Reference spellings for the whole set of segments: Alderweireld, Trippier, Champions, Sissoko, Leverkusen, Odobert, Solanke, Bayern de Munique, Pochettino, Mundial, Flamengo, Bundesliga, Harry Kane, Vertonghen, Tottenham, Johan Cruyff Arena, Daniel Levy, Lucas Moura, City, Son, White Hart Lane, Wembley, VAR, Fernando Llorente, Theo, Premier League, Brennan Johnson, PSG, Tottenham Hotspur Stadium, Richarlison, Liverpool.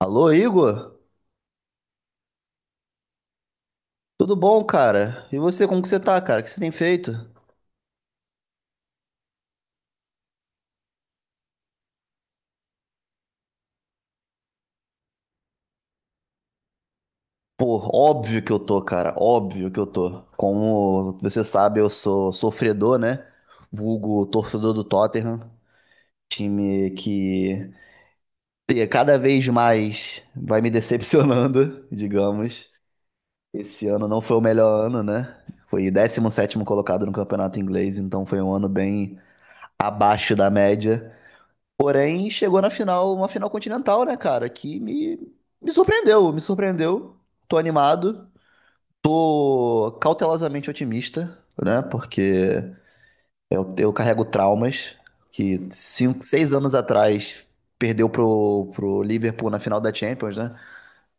Alô, Igor? Tudo bom, cara? E você, como que você tá, cara? O que você tem feito? Pô, óbvio que eu tô, cara. Óbvio que eu tô. Como você sabe, eu sou sofredor, né? Vulgo torcedor do Tottenham. Time que cada vez mais vai me decepcionando, digamos. Esse ano não foi o melhor ano, né? Foi décimo sétimo colocado no campeonato inglês, então foi um ano bem abaixo da média. Porém, chegou na final, uma final continental, né, cara? Me surpreendeu, me surpreendeu. Tô animado, tô cautelosamente otimista, né? Porque eu carrego traumas que cinco, seis anos atrás perdeu pro Liverpool na final da Champions, né?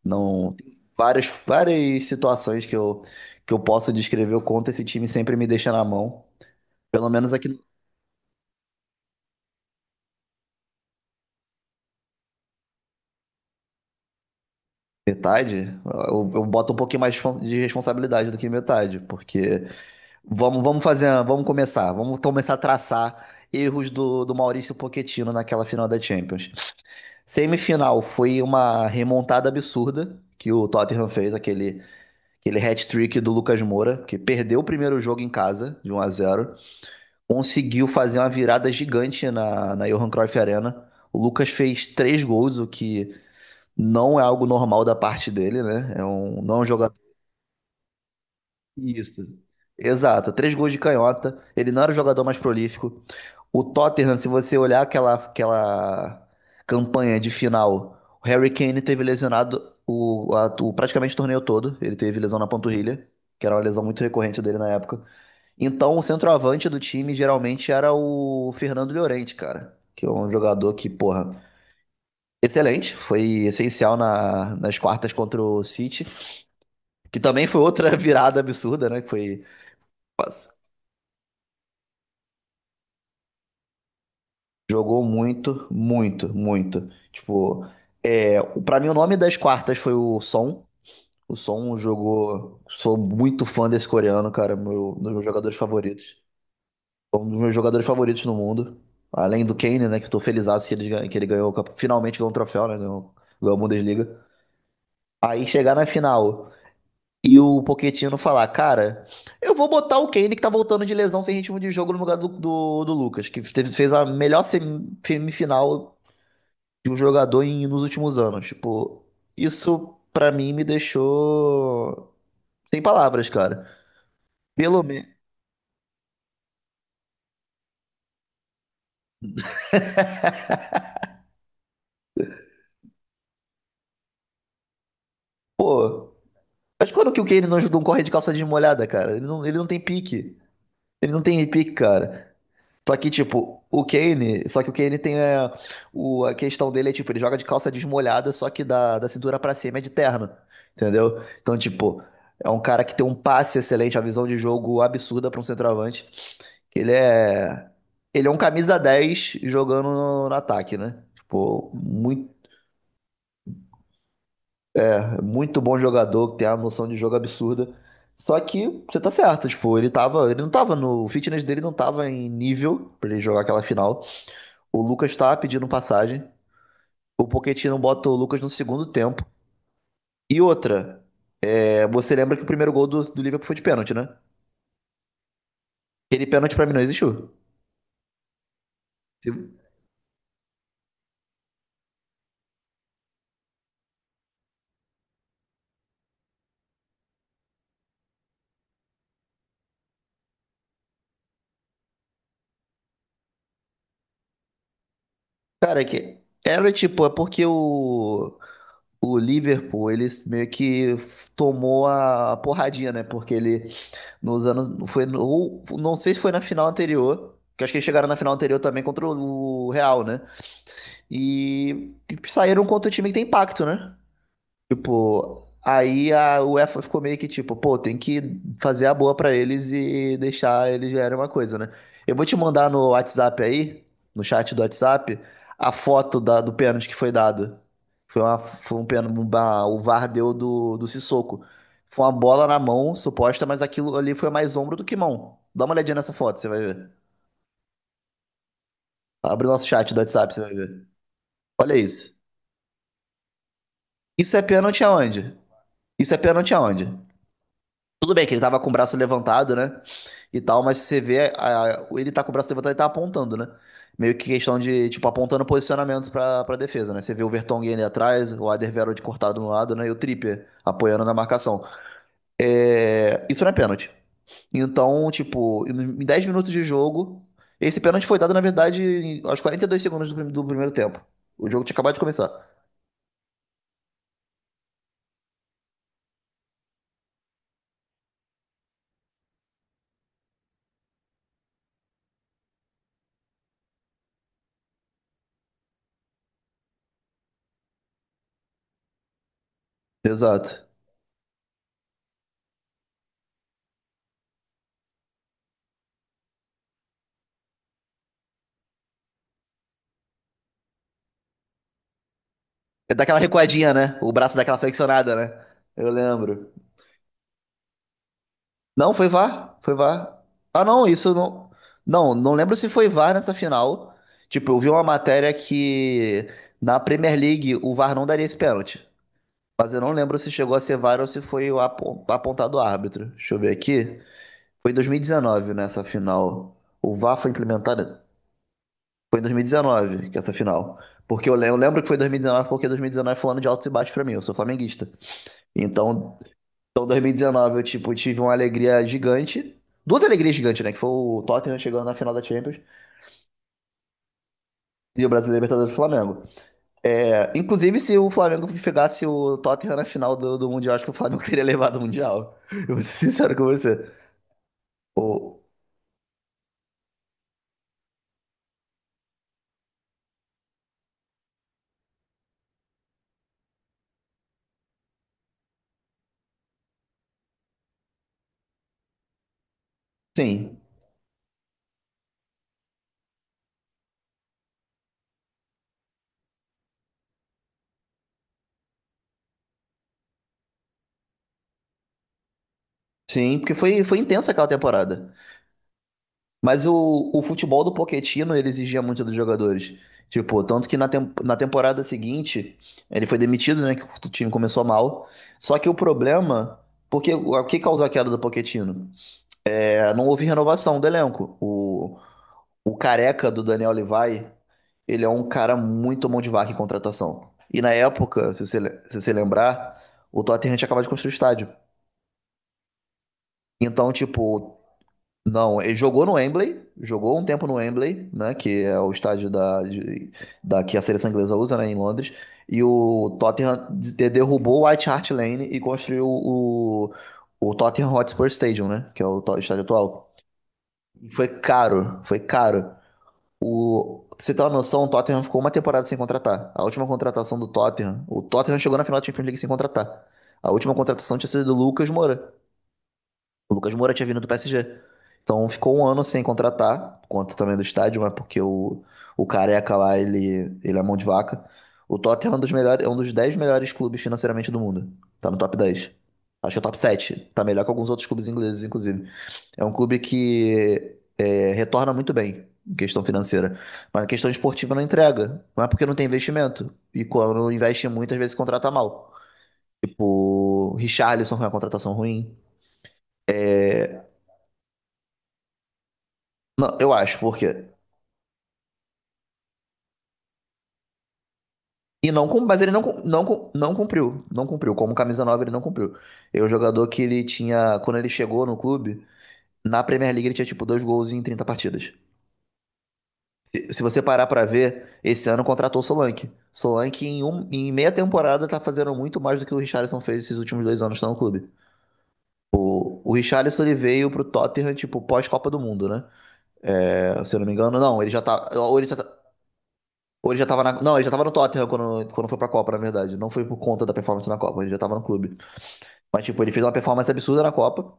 Não, várias situações que eu posso descrever o quanto esse time sempre me deixa na mão. Pelo menos aqui. Metade? Eu boto um pouquinho mais de responsabilidade do que metade, porque vamos começar a traçar erros do Maurício Pochettino naquela final da Champions. Semifinal foi uma remontada absurda que o Tottenham fez, aquele hat-trick do Lucas Moura, que perdeu o primeiro jogo em casa, de 1 a 0, conseguiu fazer uma virada gigante na Johan Cruyff Arena. O Lucas fez três gols, o que não é algo normal da parte dele, né? Não é um jogador. Isso. Exato. Três gols de canhota. Ele não era o jogador mais prolífico. O Tottenham, se você olhar aquela campanha de final, o Harry Kane teve lesionado praticamente o torneio todo. Ele teve lesão na panturrilha, que era uma lesão muito recorrente dele na época. Então, o centroavante do time geralmente era o Fernando Llorente, cara. Que é um jogador que, porra, excelente. Foi essencial nas quartas contra o City. Que também foi outra virada absurda, né? Que foi. Jogou muito, muito, muito. Tipo, é, para mim o nome das quartas foi o Son. O Son jogou. Sou muito fã desse coreano, cara. Meu, um dos meus jogadores favoritos. Um dos meus jogadores favoritos no mundo. Além do Kane, né? Que eu tô felizaço que ele, ganhou. Finalmente ganhou um troféu, né? Ganhou, ganhou a Bundesliga. Aí chegar na final e o Pochettino falar, cara, eu vou botar o Kane que tá voltando de lesão sem ritmo de jogo no lugar do Lucas, fez a melhor semifinal de um jogador nos últimos anos. Tipo, isso pra mim me deixou sem palavras, cara. Pelo menos. Pô, mas quando que o Kane não ajudou um corre de calça desmolhada, cara? Ele não tem pique. Ele não tem pique, cara. Só que, tipo, o Kane. Só que o Kane tem. É, a questão dele é, tipo, ele joga de calça desmolhada, só que da cintura pra cima é de terno. Entendeu? Então, tipo, é um cara que tem um passe excelente, a visão de jogo absurda pra um centroavante. Que ele é. Ele é um camisa 10 jogando no ataque, né? Tipo, muito, muito bom jogador, que tem uma noção de jogo absurda. Só que você tá certo, tipo, ele tava. Ele não tava no. O fitness dele não tava em nível pra ele jogar aquela final. O Lucas tá pedindo passagem. O Pochettino bota o Lucas no segundo tempo. E outra, é, você lembra que o primeiro gol do Liverpool foi de pênalti, né? Aquele pênalti pra mim não existiu. Se- cara, é que era tipo, é porque o. O Liverpool, ele meio que tomou a porradinha, né? Porque ele nos anos. Foi no, não sei se foi na final anterior, que eu acho que eles chegaram na. Tipo, aí a UEFA ficou meio que tipo, pô, tem que fazer a boa pra eles e deixar eles ganharem uma coisa, né? Eu vou te mandar no WhatsApp aí, no chat do WhatsApp, a foto do pênalti que foi dado. Foi um pênalti, o VAR deu do Sissoko. Foi uma bola na mão, suposta, mas aquilo ali foi mais ombro do que mão. Dá uma olhadinha nessa foto, você vai ver. Abre o nosso chat do WhatsApp, você vai ver. Olha isso. Isso é pênalti aonde? Isso é pênalti aonde? Tudo bem que ele tava com o braço levantado, né? E tal, mas você vê, ele tá com o braço levantado e tá apontando, né? Meio que questão de, tipo, apontando posicionamento pra defesa, né? Você vê o Vertonghen ali atrás, o Alderweireld cortado no lado, né? E o Trippier apoiando na marcação. É, isso não é pênalti. Então, tipo, em 10 minutos de jogo, esse pênalti foi dado, na verdade, aos 42 segundos do primeiro tempo. O jogo tinha acabado de começar. Exato. É daquela recuadinha, né? O braço daquela flexionada, né? Eu lembro. Não, foi VAR. Foi VAR. Ah, não, isso não. Não, não lembro se foi VAR nessa final. Tipo, eu vi uma matéria que na Premier League o VAR não daria esse pênalti. Mas eu não lembro se chegou a ser VAR ou se foi o apontado o árbitro. Deixa eu ver aqui. Foi em 2019 nessa final. O VAR foi implementado. Foi em 2019 que essa final. Porque eu lembro que foi 2019, porque 2019 foi um ano de altos e baixos pra mim. Eu sou flamenguista. Então, então, 2019, eu, tipo, tive uma alegria gigante. Duas alegrias gigantes, né? Que foi o Tottenham chegando na final da Champions e o Brasileiro Libertadores do Flamengo. É, inclusive, se o Flamengo pegasse o Tottenham na final do Mundial, acho que o Flamengo teria levado o Mundial. Eu vou ser sincero com você. O- sim, sim, porque foi, foi intensa aquela temporada. Mas o futebol do Pochettino, ele exigia muito dos jogadores. Tipo, tanto que na temporada seguinte, ele foi demitido, né? Que o time começou mal. Só que o problema, porque o que causou a queda do Pochettino? É, não houve renovação do elenco. O careca do Daniel Levy, ele é um cara muito mão de vaca em contratação. E na época, se você lembrar, o Tottenham tinha acabado de construir o estádio. Então, tipo, não, ele jogou no Wembley, jogou um tempo no Wembley, né, que é o estádio da que a seleção inglesa usa, né, em Londres. E o Tottenham derrubou o White Hart Lane e construiu o Tottenham Hotspur Stadium, né, que é o estádio atual. E foi caro, foi caro. O, pra você ter uma noção, o Tottenham ficou uma temporada sem contratar. A última contratação do Tottenham, o Tottenham chegou na final da Champions League sem contratar. A última contratação tinha sido do Lucas Moura. O Lucas Moura tinha vindo do PSG. Então ficou um ano sem contratar, por conta também do estádio, mas porque o careca lá, ele é mão de vaca. O Tottenham é um dos melhores, é um dos 10 melhores clubes financeiramente do mundo. Tá no top 10. Acho que é o top 7, tá melhor que alguns outros clubes ingleses, inclusive. É um clube que é, retorna muito bem em questão financeira. Mas a questão esportiva não entrega. Não é porque não tem investimento. E quando investe muito, às vezes contrata mal. Tipo, o Richarlison foi uma contratação ruim. Não, eu acho, porque. E não, cum- mas ele não, cum- não, cum- não cumpriu. Não cumpriu. Como camisa 9 ele não cumpriu. É um jogador que ele tinha. Quando ele chegou no clube, na Premier League ele tinha tipo dois gols em 30 partidas. Se você parar pra ver, esse ano contratou o Solanke. Solanke, em meia temporada, tá fazendo muito mais do que o Richarlison fez esses últimos dois anos que tá no clube. O Richarlison ele veio pro Tottenham, tipo, pós-Copa do Mundo, né? É, se eu não me engano, não. Ele já tá. Ou ele já tava na, não, ele já tava no Tottenham quando, quando foi pra Copa, na verdade. Não foi por conta da performance na Copa, ele já tava no clube. Mas, tipo, ele fez uma performance absurda na Copa.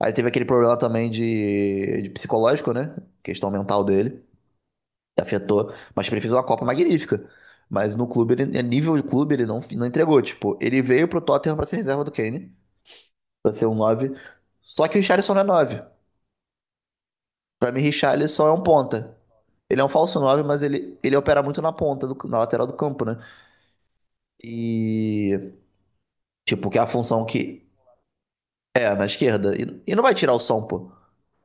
Aí teve aquele problema também de psicológico, né? Questão mental dele, que afetou. Mas tipo, ele fez uma Copa magnífica. Mas no clube, ele, a nível de clube, ele não, não entregou. Tipo, ele veio pro Tottenham pra ser reserva do Kane, pra ser um 9. Só que o Richarlison não é 9. Pra mim, Richarlison é um ponta. Ele é um falso 9, mas ele opera muito na ponta, na lateral do campo, né? E, tipo, que é a função que é na esquerda. E não vai tirar o som, pô.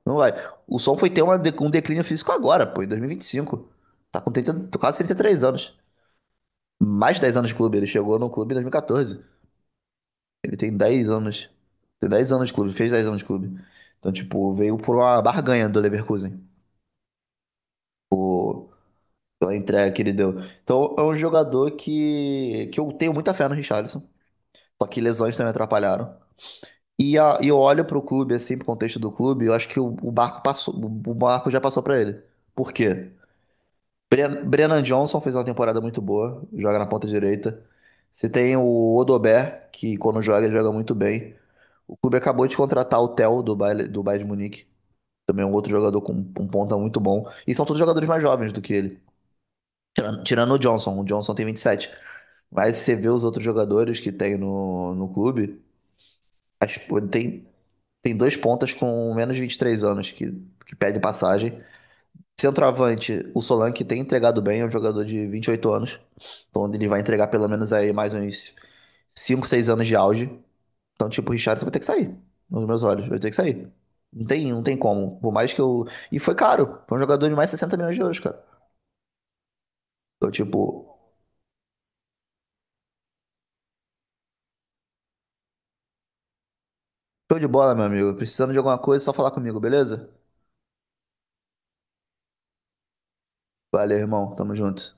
Não vai. O Sol foi ter um declínio físico agora, pô, em 2025. Tá com 30, quase 33 anos. Mais 10 anos de clube. Ele chegou no clube em 2014. Ele tem 10 anos. Tem 10 anos de clube, fez 10 anos de clube. Então, tipo, veio por uma barganha do Leverkusen, pô, pela entrega que ele deu. Então, é um jogador que eu tenho muita fé no Richarlison. Só que lesões também atrapalharam. E eu olho pro clube, assim, pro contexto do clube, eu acho que o barco passou, o barco já passou pra ele. Por quê? Brennan Johnson fez uma temporada muito boa, joga na ponta direita. Você tem o Odobert, que quando joga, ele joga muito bem. O clube acabou de contratar o Theo do Bayer, do Bayern de Munique, também é um outro jogador com um ponta muito bom. E são todos jogadores mais jovens do que ele, tirando o Johnson. O Johnson tem 27. Mas se você vê os outros jogadores que tem no clube, as- tem, tem dois pontas com menos de 23 anos que pede passagem. Centroavante, o Solanke tem entregado bem, é um jogador de 28 anos. Então ele vai entregar pelo menos aí mais uns 5, 6 anos de auge. Então, tipo, o Richarlison vai ter que sair. Nos meus olhos, vai ter que sair. Não tem, não tem como. Por mais que eu. E foi caro. Foi um jogador de mais 60 milhões de euros, cara. Então, tipo, show de bola, meu amigo. Precisando de alguma coisa, é só falar comigo, beleza? Valeu, irmão. Tamo junto.